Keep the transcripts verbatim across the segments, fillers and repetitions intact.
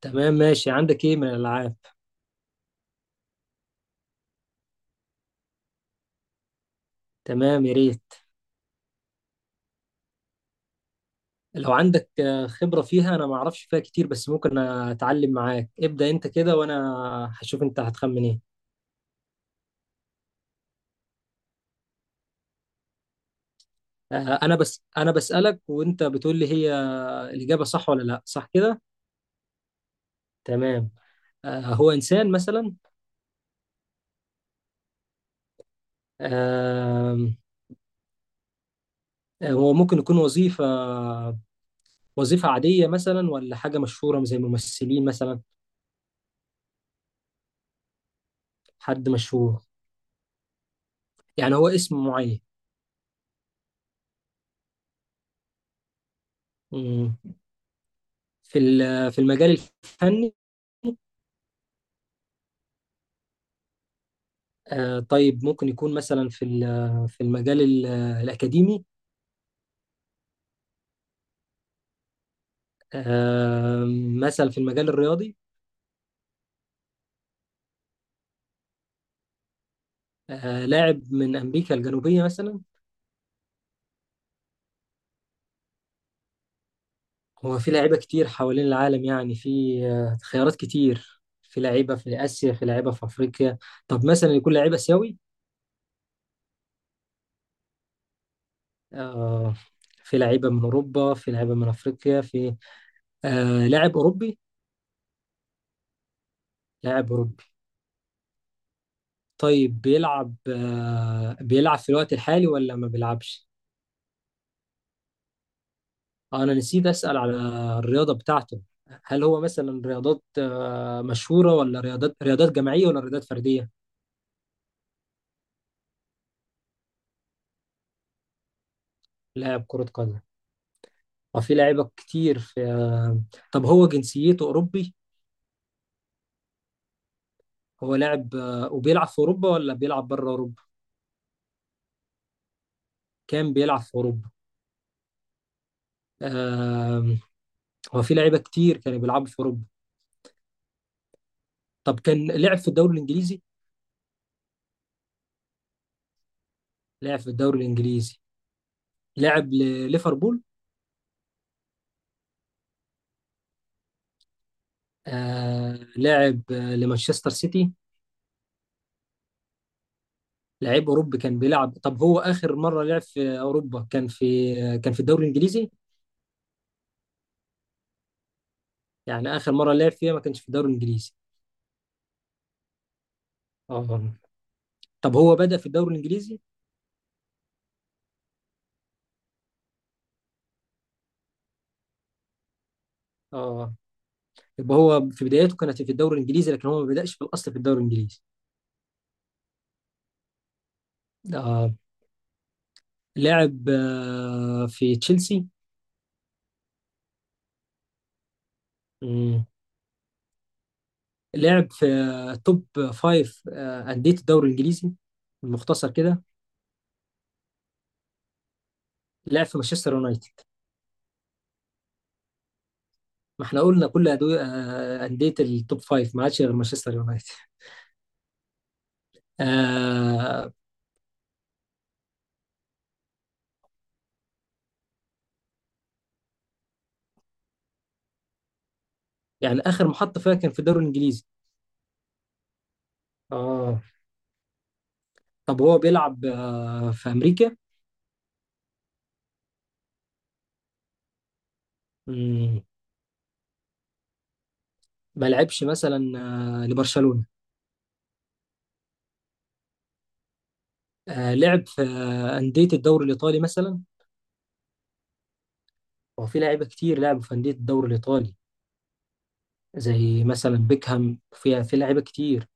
تمام، ماشي. عندك ايه من الالعاب؟ تمام، يا ريت. لو عندك آه، خبرة فيها، انا ما اعرفش فيها كتير، بس ممكن اتعلم معاك. ابدأ انت كده وانا هشوف انت هتخمن ايه. آه، انا بس انا بسألك وانت بتقول لي هي الإجابة صح ولا لا، صح كده؟ تمام. آه، هو انسان مثلا؟ آم، آه، هو ممكن يكون وظيفة؟ وظيفة عادية مثلا ولا حاجة مشهورة زي ممثلين مثلا؟ حد مشهور. يعني هو اسم معين؟ مم. في ال- في المجال الفني. آه، طيب، ممكن يكون مثلا في ال- في المجال ال- الأكاديمي. آه، مثلا في المجال الرياضي. آه، لاعب من أمريكا الجنوبية مثلا؟ هو في لعيبة كتير حوالين العالم، يعني في آه، خيارات كتير. في لعيبة في آسيا، في لعيبة في أفريقيا. طب مثلا يكون لعيب آسيوي؟ آه، في لعيبة من أوروبا، في لعيبة من أفريقيا، في آه، لاعب أوروبي؟ لاعب أوروبي. طيب، بيلعب آه، بيلعب في الوقت الحالي ولا ما بيلعبش؟ آه، انا نسيت اسال على الرياضه بتاعته. هل هو مثلا رياضات آه، مشهوره، ولا رياضات رياضات جماعيه، ولا رياضات فرديه؟ لاعب كره قدم. وفي لعيبه كتير في آه، طب هو جنسيته اوروبي؟ هو لاعب آه، وبيلعب في اوروبا ولا بيلعب بره اوروبا؟ كان بيلعب في اوروبا. آه، هو في لعيبه كتير كانوا بيلعبوا في اوروبا. طب كان لعب في الدوري الانجليزي؟ لعب في الدوري الانجليزي. لعب لليفربول؟ آه، لعب آه، لمانشستر سيتي؟ لعيب اوروبي كان بيلعب. طب هو اخر مره لعب في اوروبا كان في كان في الدوري الانجليزي؟ يعني اخر مره لعب فيها ما كانش في الدوري الانجليزي؟ اه. طب هو بدأ في الدوري الانجليزي؟ اه. يبقى هو في بدايته كانت في الدوري الانجليزي، لكن هو ما بدأش في الاصل في الدوري الانجليزي. اه. لعب آه، في تشيلسي؟ مم. لعب في آه، توب فايف آه، أندية الدوري الانجليزي المختصر كده. لعب في مانشستر يونايتد؟ ما احنا قلنا كل أدو- آه، أندية التوب فايف، ما عادش غير مانشستر يونايتد. آه. يعني آخر محطة فيها كان في الدوري الإنجليزي؟ آه. طب هو بيلعب آه في أمريكا؟ مم، ما لعبش مثلا آه لبرشلونة؟ آه لعب في آه أندية الدوري الإيطالي مثلا؟ هو في لعيبة كتير لعبوا في أندية الدوري الإيطالي. زي مثلا بيكهام، في في لعيبة كتير.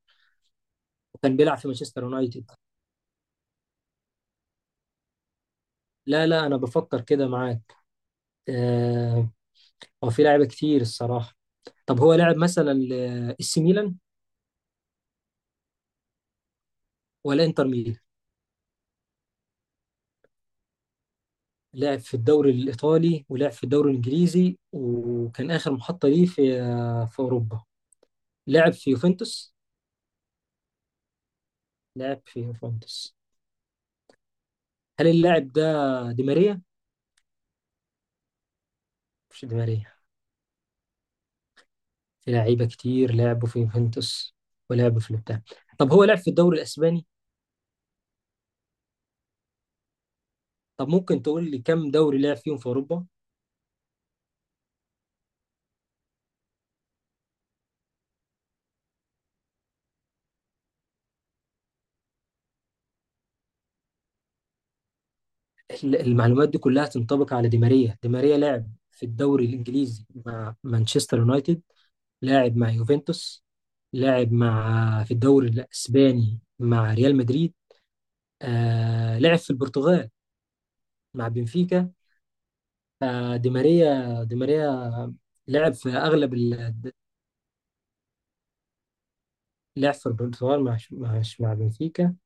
وكان بيلعب في مانشستر يونايتد. لا، لا، أنا بفكر كده معاك. آه. هو في لعيبة كتير الصراحة. طب هو لعب مثلا لإس ميلان؟ ولا انتر ميلان؟ لعب في الدوري الإيطالي ولعب في الدوري الإنجليزي، وكان آخر محطة ليه في في أوروبا. لعب في يوفنتوس؟ لعب في يوفنتوس. هل اللاعب ده دي ماريا؟ مش دي ماريا. في لعيبة كتير لعبوا في يوفنتوس. ولعبوا في البتاع. طب هو لعب في الدوري الإسباني؟ طب ممكن تقول لي كم دوري لعب فيهم في أوروبا؟ ال- المعلومات دي كلها تنطبق على دي ماريا. دي ماريا لعب في الدوري الإنجليزي مع مانشستر يونايتد. لاعب مع يوفنتوس. لاعب مع، في الدوري الاسباني مع ريال مدريد. آه لعب في البرتغال مع بنفيكا. آه دي ماريا، دي ماريا. لعب في اغلب ال. لعب في البرتغال مع مع, مع بنفيكا.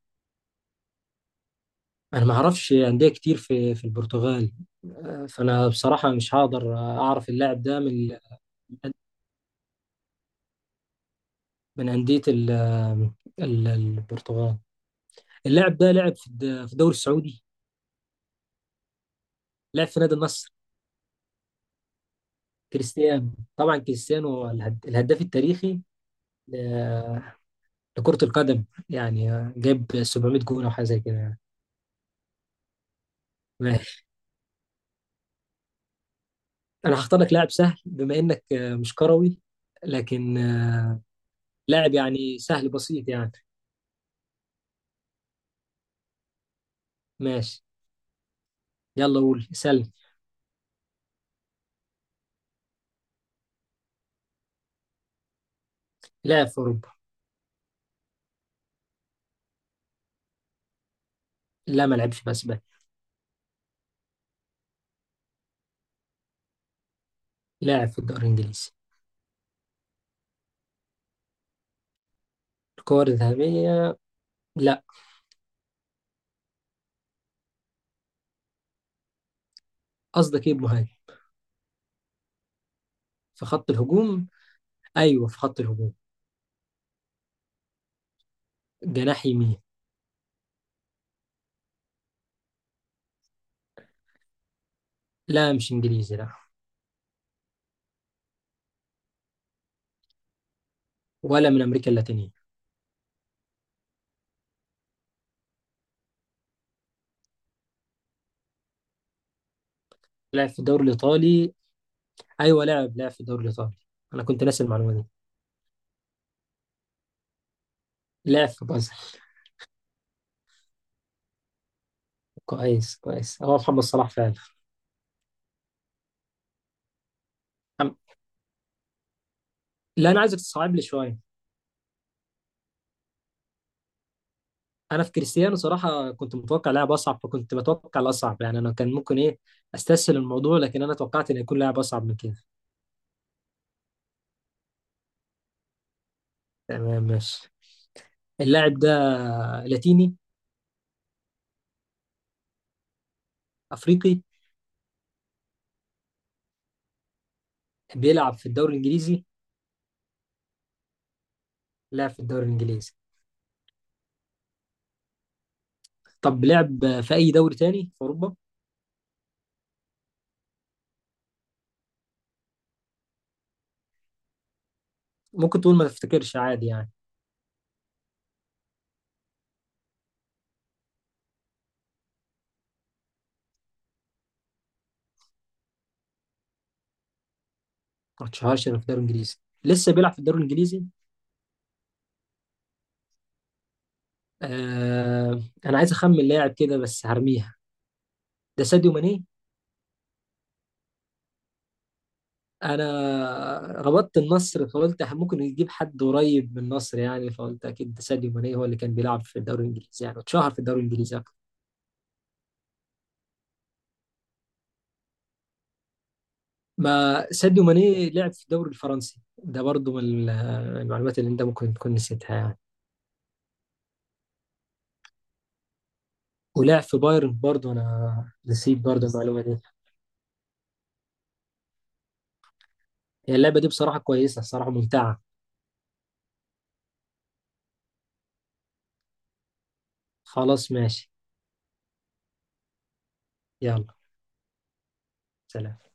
انا ما اعرفش انديه كتير في في البرتغال. آه فانا بصراحه مش هقدر اعرف اللاعب ده من من انديه ال... ال- البرتغال. اللاعب ده لعب في الد- في الدوري السعودي. لعب في نادي النصر؟ كريستيانو. طبعا كريستيانو هو الهد- الهداف التاريخي ل- لكرة القدم، يعني جاب سبعمائة جون او حاجه زي كده، يعني. ماشي. انا هختار لك لاعب سهل بما انك آه، مش كروي. لكن آه، لاعب يعني سهل بسيط يعني. ماشي، يلا قول سلم. لاعب في اوروبا. لا، ما لعبش في اسبانيا. لاعب في الدوري الانجليزي. الكور الذهبيه؟ لا. قصدك ايه بمهاجم؟ في خط الهجوم. ايوه، في خط الهجوم. جناح يمين. لا، مش انجليزي، لا. ولا من امريكا اللاتينيه. لعب في الدوري الايطالي؟ ايوه، لعب لعب في الدوري الايطالي. انا كنت ناسي المعلومه دي. لعب في بازل. كويس، كويس، هو محمد صلاح فعلا. أم- لا، انا عايزك تصعب لي شويه. انا في كريستيانو صراحه كنت متوقع لاعب اصعب، فكنت بتوقع الاصعب، يعني انا كان ممكن ايه استسهل الموضوع، لكن انا توقعت ان يكون لاعب اصعب من كده. تمام، ماشي. اللاعب ده لاتيني؟ افريقي؟ بيلعب في الدوري الانجليزي؟ لعب في الدوري الانجليزي. طب لعب في اي دوري تاني في اوروبا؟ ممكن تقول ما تفتكرش، عادي يعني. ما تشهرش إنه في الدوري الانجليزي. لسه بيلعب في الدوري الانجليزي؟ آه. انا عايز اخمن لاعب كده، بس هرميها. ده ساديو ماني؟ انا ربطت النصر فقلت ممكن يجيب حد قريب من النصر، يعني فقلت اكيد ده ساديو ماني هو اللي كان بيلعب في الدوري الانجليزي، يعني اتشهر في الدوري الانجليزي اكتر. ما ساديو ماني لعب في الدوري الفرنسي ده برضو من ال- المعلومات اللي انت ممكن تكون نسيتها، يعني. ولعب في بايرن برضو، انا نسيت برضو المعلومه دي. هي اللعبه دي بصراحه كويسه، الصراحه ممتعه. خلاص، ماشي. يلا. سلام.